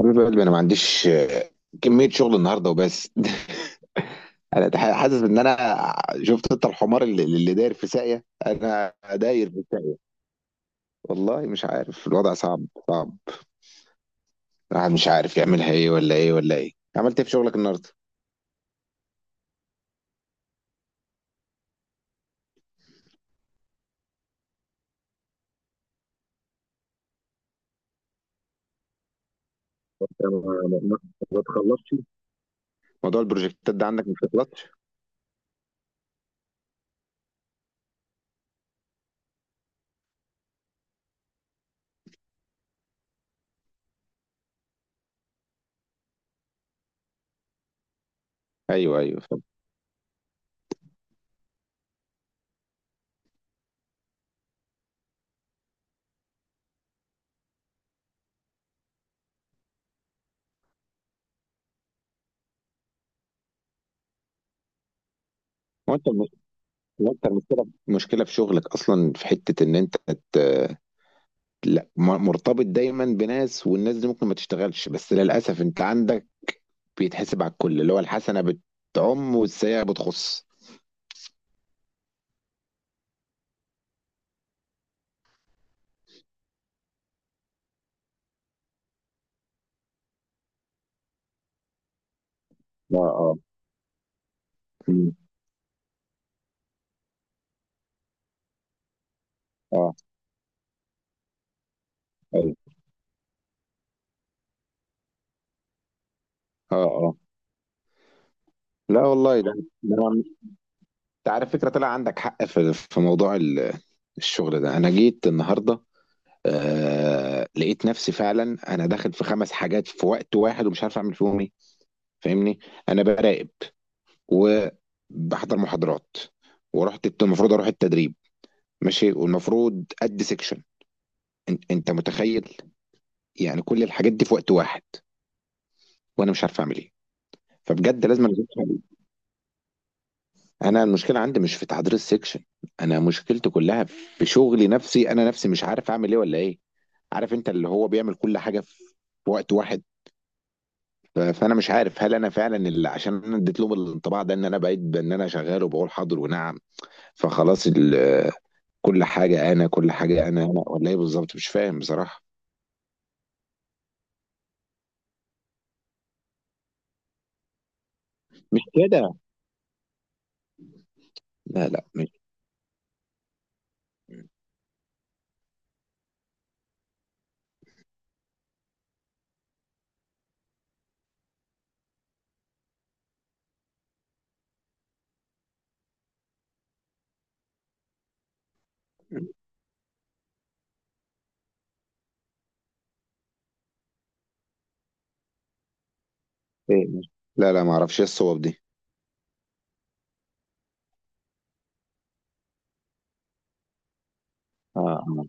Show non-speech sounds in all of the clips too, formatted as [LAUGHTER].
حبيب قلبي، انا ما عنديش كميه شغل النهارده وبس. [LAUGHS] حاسس ان انا شفت انت الحمار اللي داير في ساقيه، انا داير في ساقيه. والله مش عارف، الوضع صعب صعب. الواحد مش عارف يعملها ايه ولا ايه ولا ايه. عملت ايه في شغلك النهارده؟ ما ما- ما تخلصش، موضوع البروجكتات ده عندك ما بتخلصش. ايوه ايوه، فاهم. هو انت الم- هو انت المشكله مشكله في شغلك اصلا، في حته ان انت ت- لا مرتبط دايما بناس، والناس دي ممكن ما تشتغلش، بس للاسف انت عندك بيتحسب على الكل، اللي هو الحسنة بتعم والسيئة بتخص. اه اه. مم. اه، ايوه. اه اه. لا والله، ده ده أنا- انت عارف فكرة، طلع عندك حق في موضوع الشغل ده. انا جيت النهاردة لقيت نفسي فعلا انا داخل في خمس حاجات في وقت واحد، ومش عارف اعمل فيهم ايه. فاهمني، انا براقب وبحضر محاضرات، المفروض اروح التدريب، ماشي، والمفروض ادي سيكشن. انت متخيل يعني كل الحاجات دي في وقت واحد، وانا مش عارف اعمل ايه. فبجد لازم أنا أشوف حل. انا المشكله عندي مش في تحضير السكشن، انا مشكلتي كلها في شغلي نفسي، انا نفسي مش عارف اعمل ايه ولا ايه. عارف انت اللي هو بيعمل كل حاجه في وقت واحد. فانا مش عارف هل انا فعلا اللي، عشان انا اديت لهم الانطباع ده ان انا بقيت بان انا شغال وبقول حاضر ونعم، فخلاص ال- كل حاجه انا، كل حاجه انا ولا ايه بالظبط، مش فاهم بصراحه. مش كده. لا لا، مش إيه، مش- لا لا، ما اعرفش ايه الصواب دي. اه آه.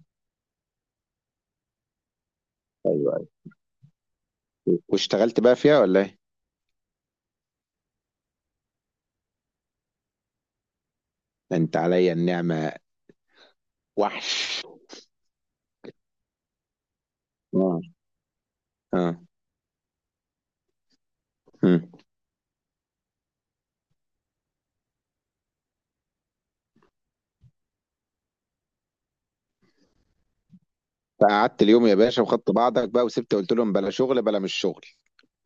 ايوه. أيوة، واشتغلت بقى فيها ولا ايه؟ ده انت عليا النعمة وحش. اه اه. مم. فقعدت اليوم يا باشا وخدت بعضك بقى وسبت، قلت لهم بلا شغل بلا مش شغل،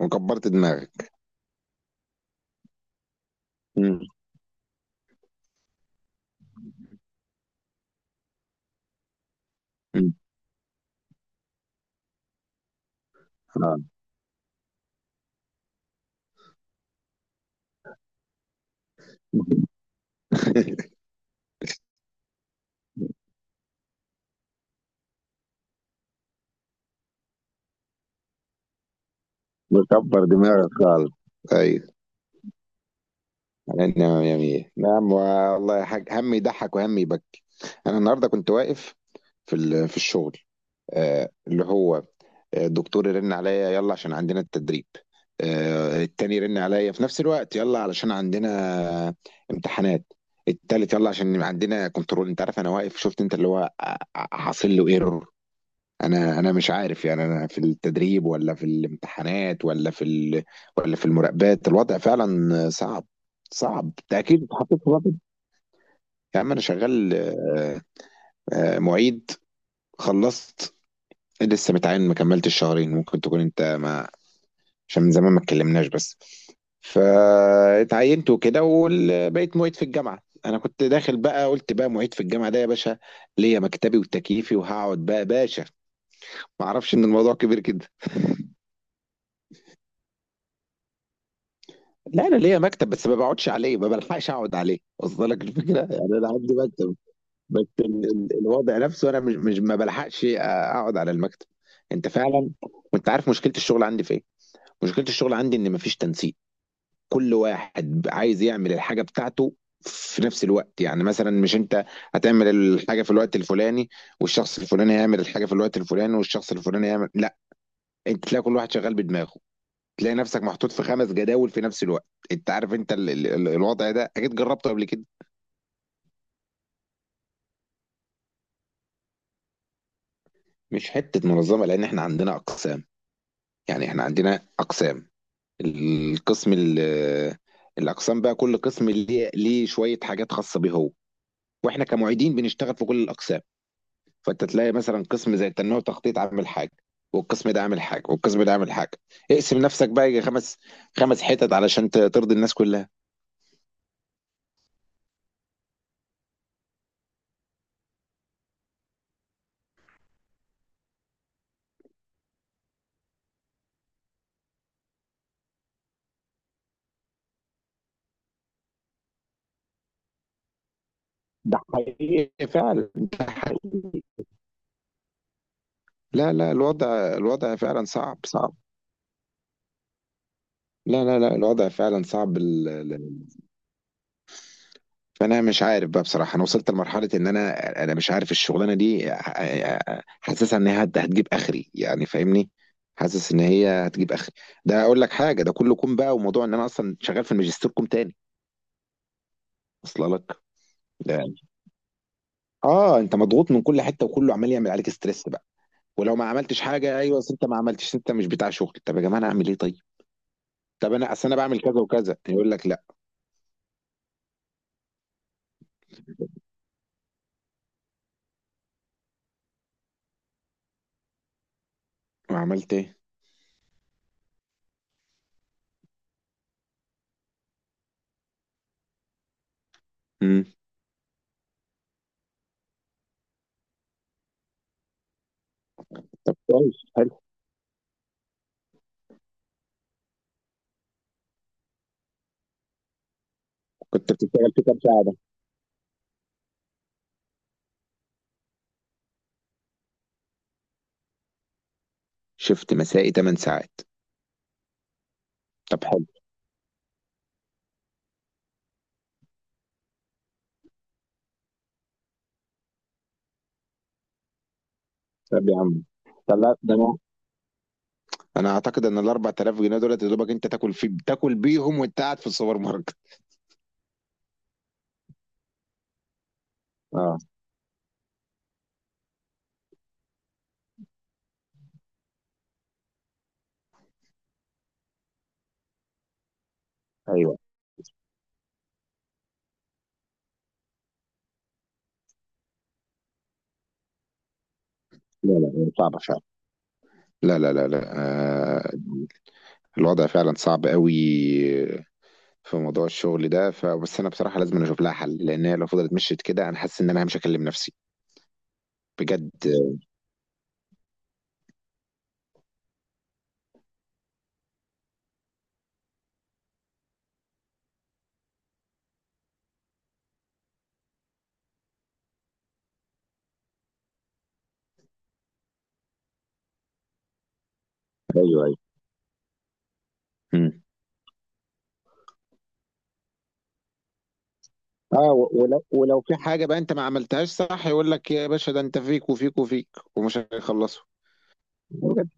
وكبرت دماغك. مم. مم. اه. [LAUGHS] مكبر دماغك خالص. ايوه، على النعمة يا مية نعم، والله يا حاج هم يضحك وهم يبكي. انا النهارده كنت واقف في الشغل، اللي هو الدكتور يرن عليا يلا عشان عندنا التدريب، التاني يرن عليا في نفس الوقت يلا علشان عندنا امتحانات، التالت يلا عشان عندنا كنترول. انت عارف انا واقف، شفت انت اللي هو حاصل له ايرور. انا مش عارف يعني، انا في التدريب ولا في الامتحانات ولا ولا في المراقبات. الوضع فعلا صعب صعب، تأكيد اتحطيت في وضع. يا عم انا شغال معيد، خلصت لسه متعين ما كملتش شهرين، ممكن تكون انت ما، عشان من زمان ما اتكلمناش بس، فاتعينت وكده وبقيت معيد في الجامعه. انا كنت داخل بقى قلت بقى معيد في الجامعه ده يا باشا، ليا مكتبي وتكييفي وهقعد بقى باشا، ما اعرفش ان الموضوع كبير كده. لا انا ليا مكتب بس ما بقعدش عليه، ما بلحقش اقعد عليه. وصل لك الفكره؟ يعني انا عندي مكتب بس الوضع نفسه انا مش ما بلحقش اقعد على المكتب. انت فعلا، وانت عارف مشكله الشغل عندي في ايه؟ مشكله الشغل عندي ان مفيش تنسيق، كل واحد عايز يعمل الحاجة بتاعته في نفس الوقت. يعني مثلا مش انت هتعمل الحاجة في الوقت الفلاني والشخص الفلاني هيعمل الحاجة في الوقت الفلاني والشخص الفلاني هيعمل، لا، انت تلاقي كل واحد شغال بدماغه، تلاقي نفسك محطوط في خمس جداول في نفس الوقت. انت عارف انت الوضع ده اكيد جربته قبل كده. مش حتة منظمة لان احنا عندنا اقسام، يعني احنا عندنا اقسام، القسم ال... الاقسام بقى كل قسم ليه شوية حاجات خاصة بيه هو، واحنا كمعيدين بنشتغل في كل الاقسام. فانت تلاقي مثلا قسم زي التنميه والتخطيط عامل حاجه، والقسم ده عامل حاجه، والقسم ده عامل حاجه. اقسم نفسك بقى يجي خمس حتت علشان ترضي الناس كلها. ده حقيقي فعلا، ده حقيقي. لا لا، الوضع فعلا صعب صعب. لا لا لا، الوضع فعلا صعب. فانا مش عارف بقى بصراحه، انا وصلت لمرحله ان انا، انا مش عارف الشغلانه دي حاسسها ان هي هتجيب اخري يعني، فاهمني، حاسس ان هي هتجيب اخري. ده اقول لك حاجه، ده كله كوم بقى، وموضوع ان انا اصلا شغال في الماجستير كوم تاني. اصل لك يعني، اه انت مضغوط من كل حته وكله عمال يعمل عليك ستريس بقى. ولو ما عملتش حاجه، ايوه أصل انت ما عملتش، انت مش بتاع شغل. طب يا جماعه انا اعمل ايه طيب؟ طب انا اصل انا بعمل كذا وكذا، يقول لك لا. ما عملت ايه؟ امم. كويس، حلو. كنت بتشتغل في كام ساعه ده؟ شفت مسائي 8 ساعات. طب حلو. طب يا عم طلع ده، انا انا اعتقد ان ال 4000 جنيه دولت يا دوبك انت تاكل، في تاكل بيهم وانت قاعد في السوبر ماركت. اه. ايوه. لا لا، صعبه فعلا. لا لا لا لا، الوضع فعلا صعب قوي في موضوع الشغل ده. فبس انا بصراحه لازم اشوف لها حل، لان هي لو فضلت مشيت كده، انا حاسس ان انا مش هكلم نفسي. بجد. ايوه ايوه. مم. اه، ولو في حاجه بقى انت ما عملتهاش صح، يقول لك يا باشا ده انت فيك وفيك وفيك، ومش هيخلصوا. بجد.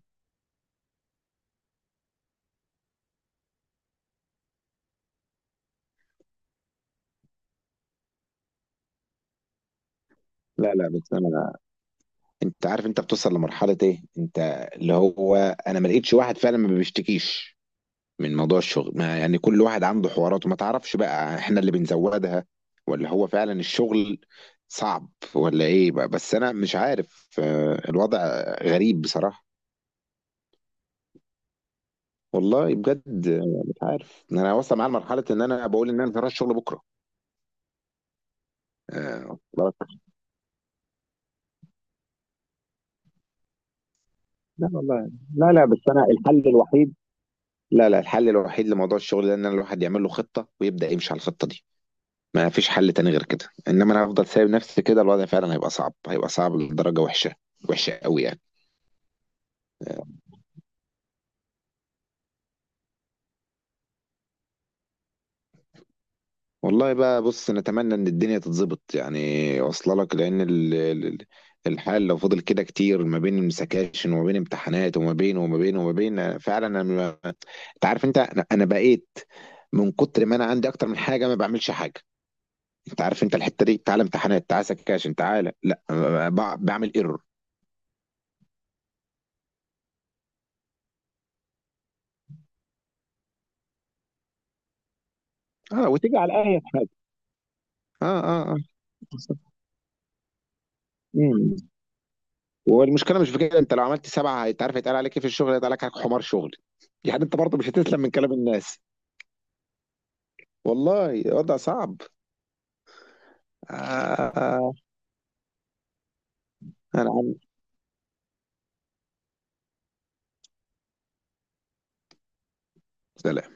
لا لا، بس انا، انت عارف انت بتوصل لمرحله ايه، انت اللي هو، انا ما لقيتش واحد فعلا ما بيشتكيش من موضوع الشغل. ما يعني كل واحد عنده حواراته، ما تعرفش بقى احنا اللي بنزودها ولا هو فعلا الشغل صعب ولا ايه بقى، بس انا مش عارف الوضع غريب بصراحة. والله بجد مش عارف، إن انا واصل معايا لمرحلة ان انا بقول ان انا مش هروح الشغل بكرة. آه، خلاص. لا والله، لا لا، بس انا الحل الوحيد، لا لا، الحل الوحيد لموضوع الشغل ده ان الواحد يعمل له خطة ويبدأ يمشي على الخطة دي. ما فيش حل تاني غير كده، انما انا هفضل سايب نفسي كده الوضع فعلا هيبقى صعب، هيبقى صعب لدرجة وحشة، وحشة قوي يعني. والله بقى بص نتمنى ان الدنيا تتظبط يعني، واصله لك، لان الحال لو فضل كده كتير ما بين سكاشن وما بين امتحانات وما بين وما بين وما بين، فعلا انا انت عارف انت، انا بقيت من كتر ما انا عندي اكتر من حاجه ما بعملش حاجه. انت عارف انت الحته دي، تعالى امتحانات، تعالى سكاشن، تعالى لا، بعمل ايرور. اه وتيجي على اي حاجه. اه اه اه. والمشكله مش في كده، انت لو عملت سبعه انت عارف هيتقال عليك ايه في الشغل؟ هيتقال عليك حمار شغل. يعني انت برضه مش هتسلم من كلام الناس. والله وضع صعب. آه آه، آه، آه. انا عم. سلام.